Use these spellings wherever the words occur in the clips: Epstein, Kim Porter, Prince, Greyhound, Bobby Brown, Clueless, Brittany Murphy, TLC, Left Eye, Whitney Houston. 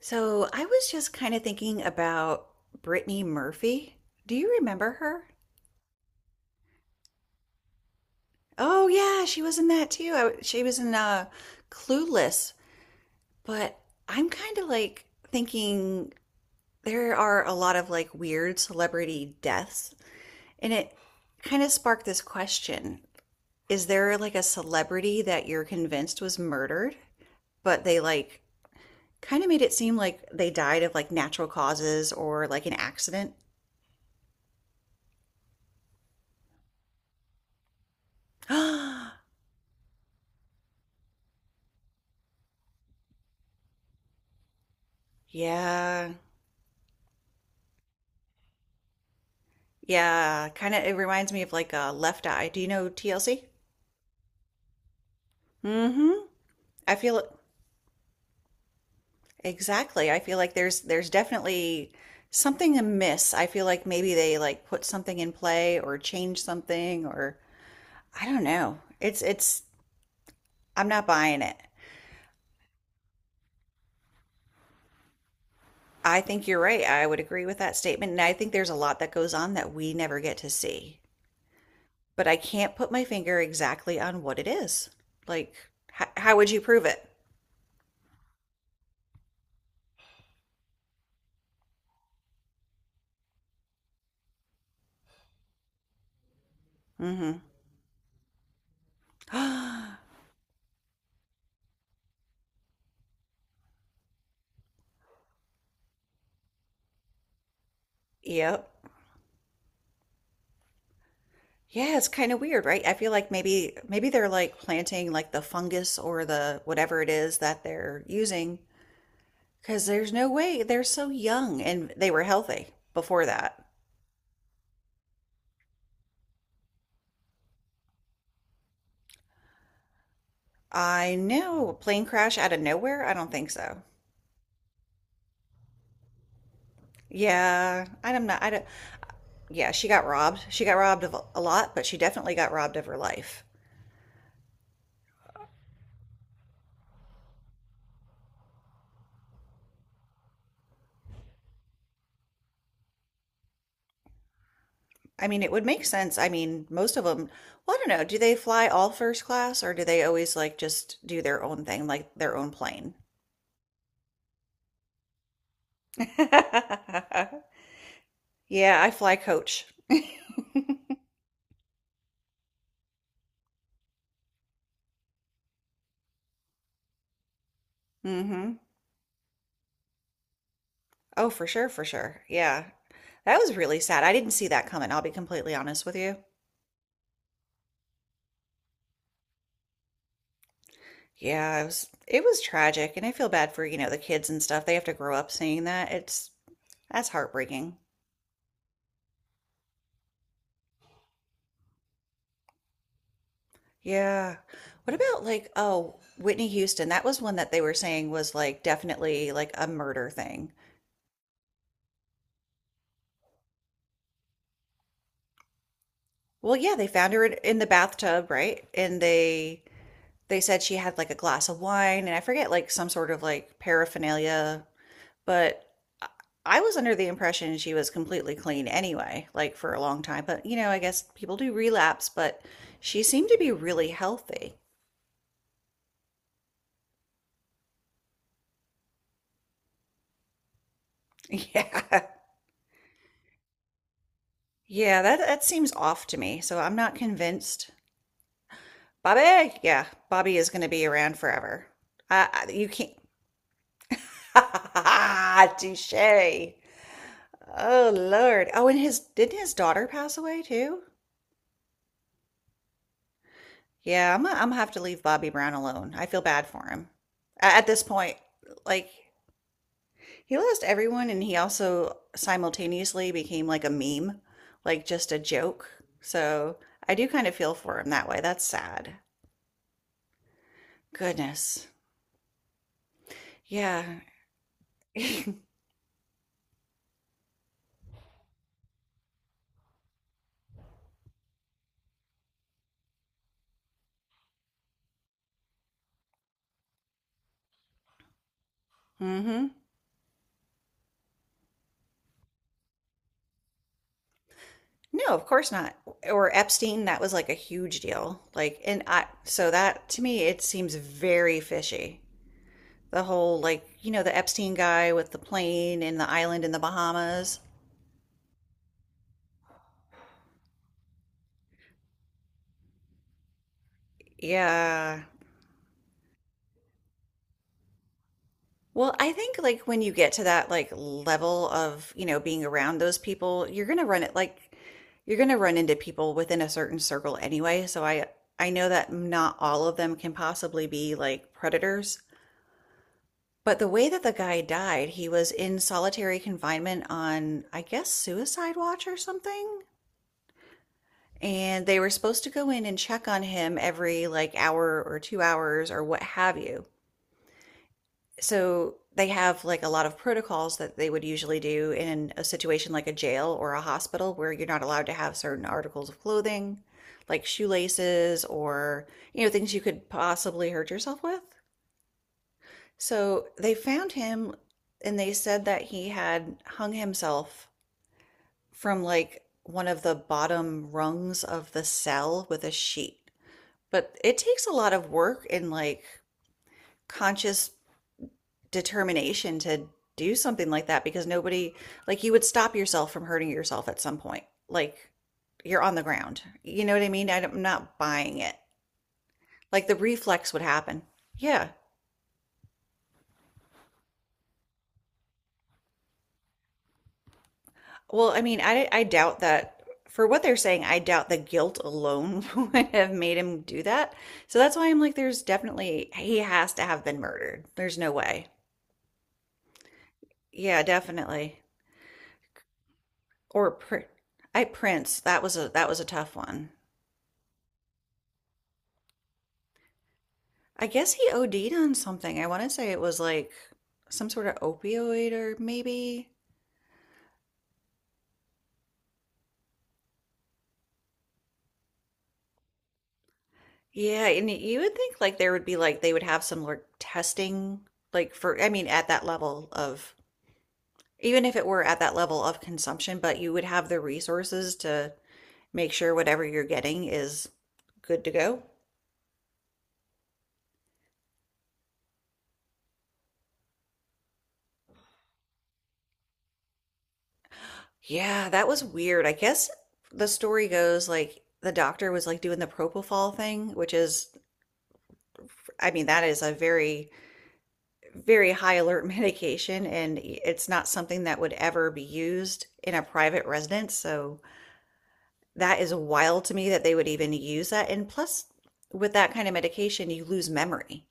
So I was just kind of thinking about Brittany Murphy. Do you remember her? Oh yeah, she was in that too. She was in Clueless. But I'm kind of like thinking there are a lot of like weird celebrity deaths, and it kind of sparked this question. Is there like a celebrity that you're convinced was murdered, but they like kind of made it seem like they died of like natural causes or like an accident? Yeah, Yeah, kind of. It reminds me of like a Left Eye. Do you know TLC? Mm-hmm. I feel exactly. I feel like there's definitely something amiss. I feel like maybe they like put something in play or change something or I don't know. It's I'm not buying it. I think you're right. I would agree with that statement and I think there's a lot that goes on that we never get to see. But I can't put my finger exactly on what it is. Like how would you prove it? Mm-hmm. Yep. Yeah, it's kind of weird, right? I feel like maybe they're like planting like the fungus or the whatever it is that they're using because there's no way they're so young and they were healthy before that. I know, plane crash out of nowhere? I don't think so. Yeah, I do not know. I don't yeah, she got robbed. She got robbed of a lot, but she definitely got robbed of her life. I mean, it would make sense. I mean, most of them, well, I don't know, do they fly all first class or do they always like just do their own thing, like their own plane? Yeah, I fly coach. Mm hmm. Oh, for sure, for sure. Yeah. That was really sad. I didn't see that coming. I'll be completely honest with you. Yeah, it was tragic, and I feel bad for, you know, the kids and stuff. They have to grow up seeing that. It's that's heartbreaking. Yeah. What about like, oh, Whitney Houston? That was one that they were saying was like definitely like a murder thing. Well, yeah, they found her in the bathtub, right? And they said she had like a glass of wine and I forget like some sort of like paraphernalia, but I- was under the impression she was completely clean anyway, like for a long time. But you know, I guess people do relapse, but she seemed to be really healthy. Yeah. Yeah, that seems off to me. So I'm not convinced. Bobby, yeah, Bobby is going to be around forever. You can't. Ha ha ha, Touche. Oh Lord. Oh, and his didn't his daughter pass away too? Yeah, I'm gonna have to leave Bobby Brown alone. I feel bad for him. At this point, like he lost everyone and he also simultaneously became like a meme, like just a joke. So I do kind of feel for him that way. That's sad. Goodness. Yeah. Mm-hmm. No, of course not. Or Epstein, that was like a huge deal. Like, and I, so that to me, it seems very fishy. The whole, like, you know, the Epstein guy with the plane in the island in the Bahamas. Yeah. Well, I think like when you get to that like level of, you know, being around those people, you're gonna run into people within a certain circle anyway. So I know that not all of them can possibly be like predators. But the way that the guy died, he was in solitary confinement on, I guess, suicide watch or something. And they were supposed to go in and check on him every like hour or two hours or what have you. So they have like a lot of protocols that they would usually do in a situation like a jail or a hospital where you're not allowed to have certain articles of clothing, like shoelaces or, you know, things you could possibly hurt yourself with. So they found him and they said that he had hung himself from like one of the bottom rungs of the cell with a sheet. But it takes a lot of work and like conscious determination to do something like that because nobody like you would stop yourself from hurting yourself at some point like you're on the ground you know what I mean I am not buying it like the reflex would happen yeah well I mean i doubt that for what they're saying I doubt the guilt alone would have made him do that so that's why I'm like there's definitely he has to have been murdered there's no way yeah definitely or I prince that was a tough one I guess he OD'd on something. I want to say it was like some sort of opioid or maybe. Yeah, and you would think like there would be like they would have some like testing like for I mean at that level of even if it were at that level of consumption, but you would have the resources to make sure whatever you're getting is good to go. Yeah, that was weird. I guess the story goes like the doctor was like doing the propofol thing, which is I mean that is a very high alert medication and it's not something that would ever be used in a private residence. So that is wild to me that they would even use that. And plus, with that kind of medication, you lose memory.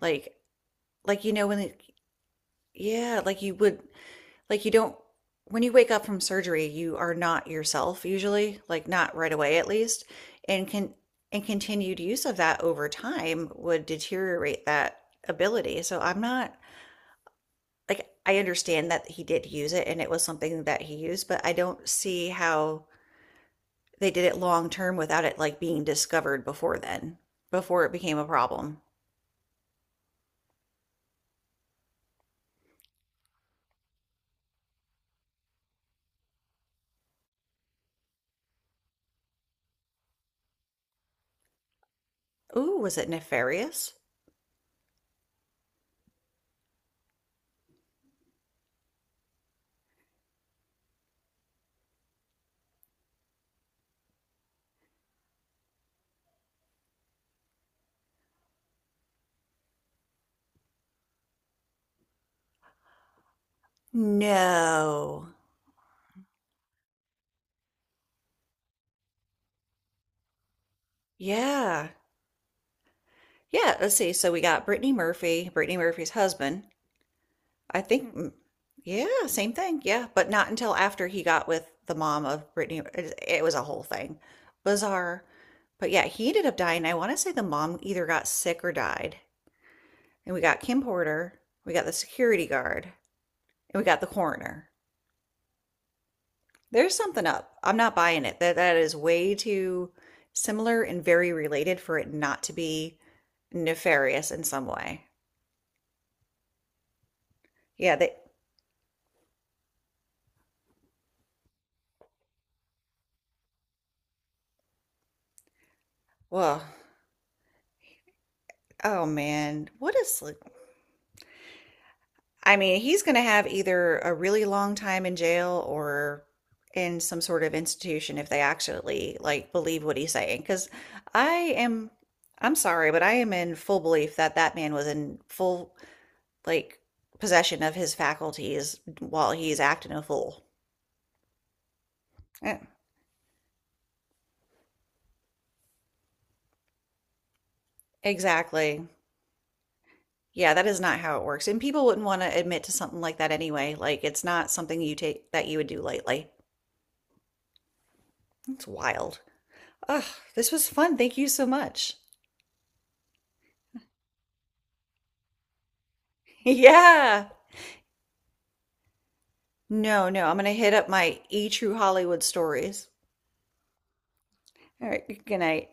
Like, like you know when it, yeah, like you would like you don't when you wake up from surgery, you are not yourself usually, like not right away at least. And can and continued use of that over time would deteriorate that ability. So I'm not like I understand that he did use it and it was something that he used, but I don't see how they did it long term without it like being discovered before then, before it became a problem. Ooh, was it nefarious? No. Yeah. Yeah, let's see. So we got Brittany Murphy, Brittany Murphy's husband. I think, mm, yeah, same thing. Yeah, but not until after he got with the mom of Brittany. It was a whole thing. Bizarre. But yeah, he ended up dying. I want to say the mom either got sick or died. And we got Kim Porter, we got the security guard, and we got the coroner. There's something up. I'm not buying it. That is way too similar and very related for it not to be nefarious in some way. Yeah, they well, oh man, what is I mean, he's going to have either a really long time in jail or in some sort of institution if they actually like believe what he's saying. Because I am, I'm sorry, but I am in full belief that that man was in full like possession of his faculties while he's acting a fool. Yeah, exactly. Yeah, that is not how it works. And people wouldn't want to admit to something like that anyway. Like it's not something you take that you would do lightly. It's wild. Ugh, this was fun. Thank you so much. Yeah. No, no, I'm gonna hit up my E True Hollywood stories. All right, good night.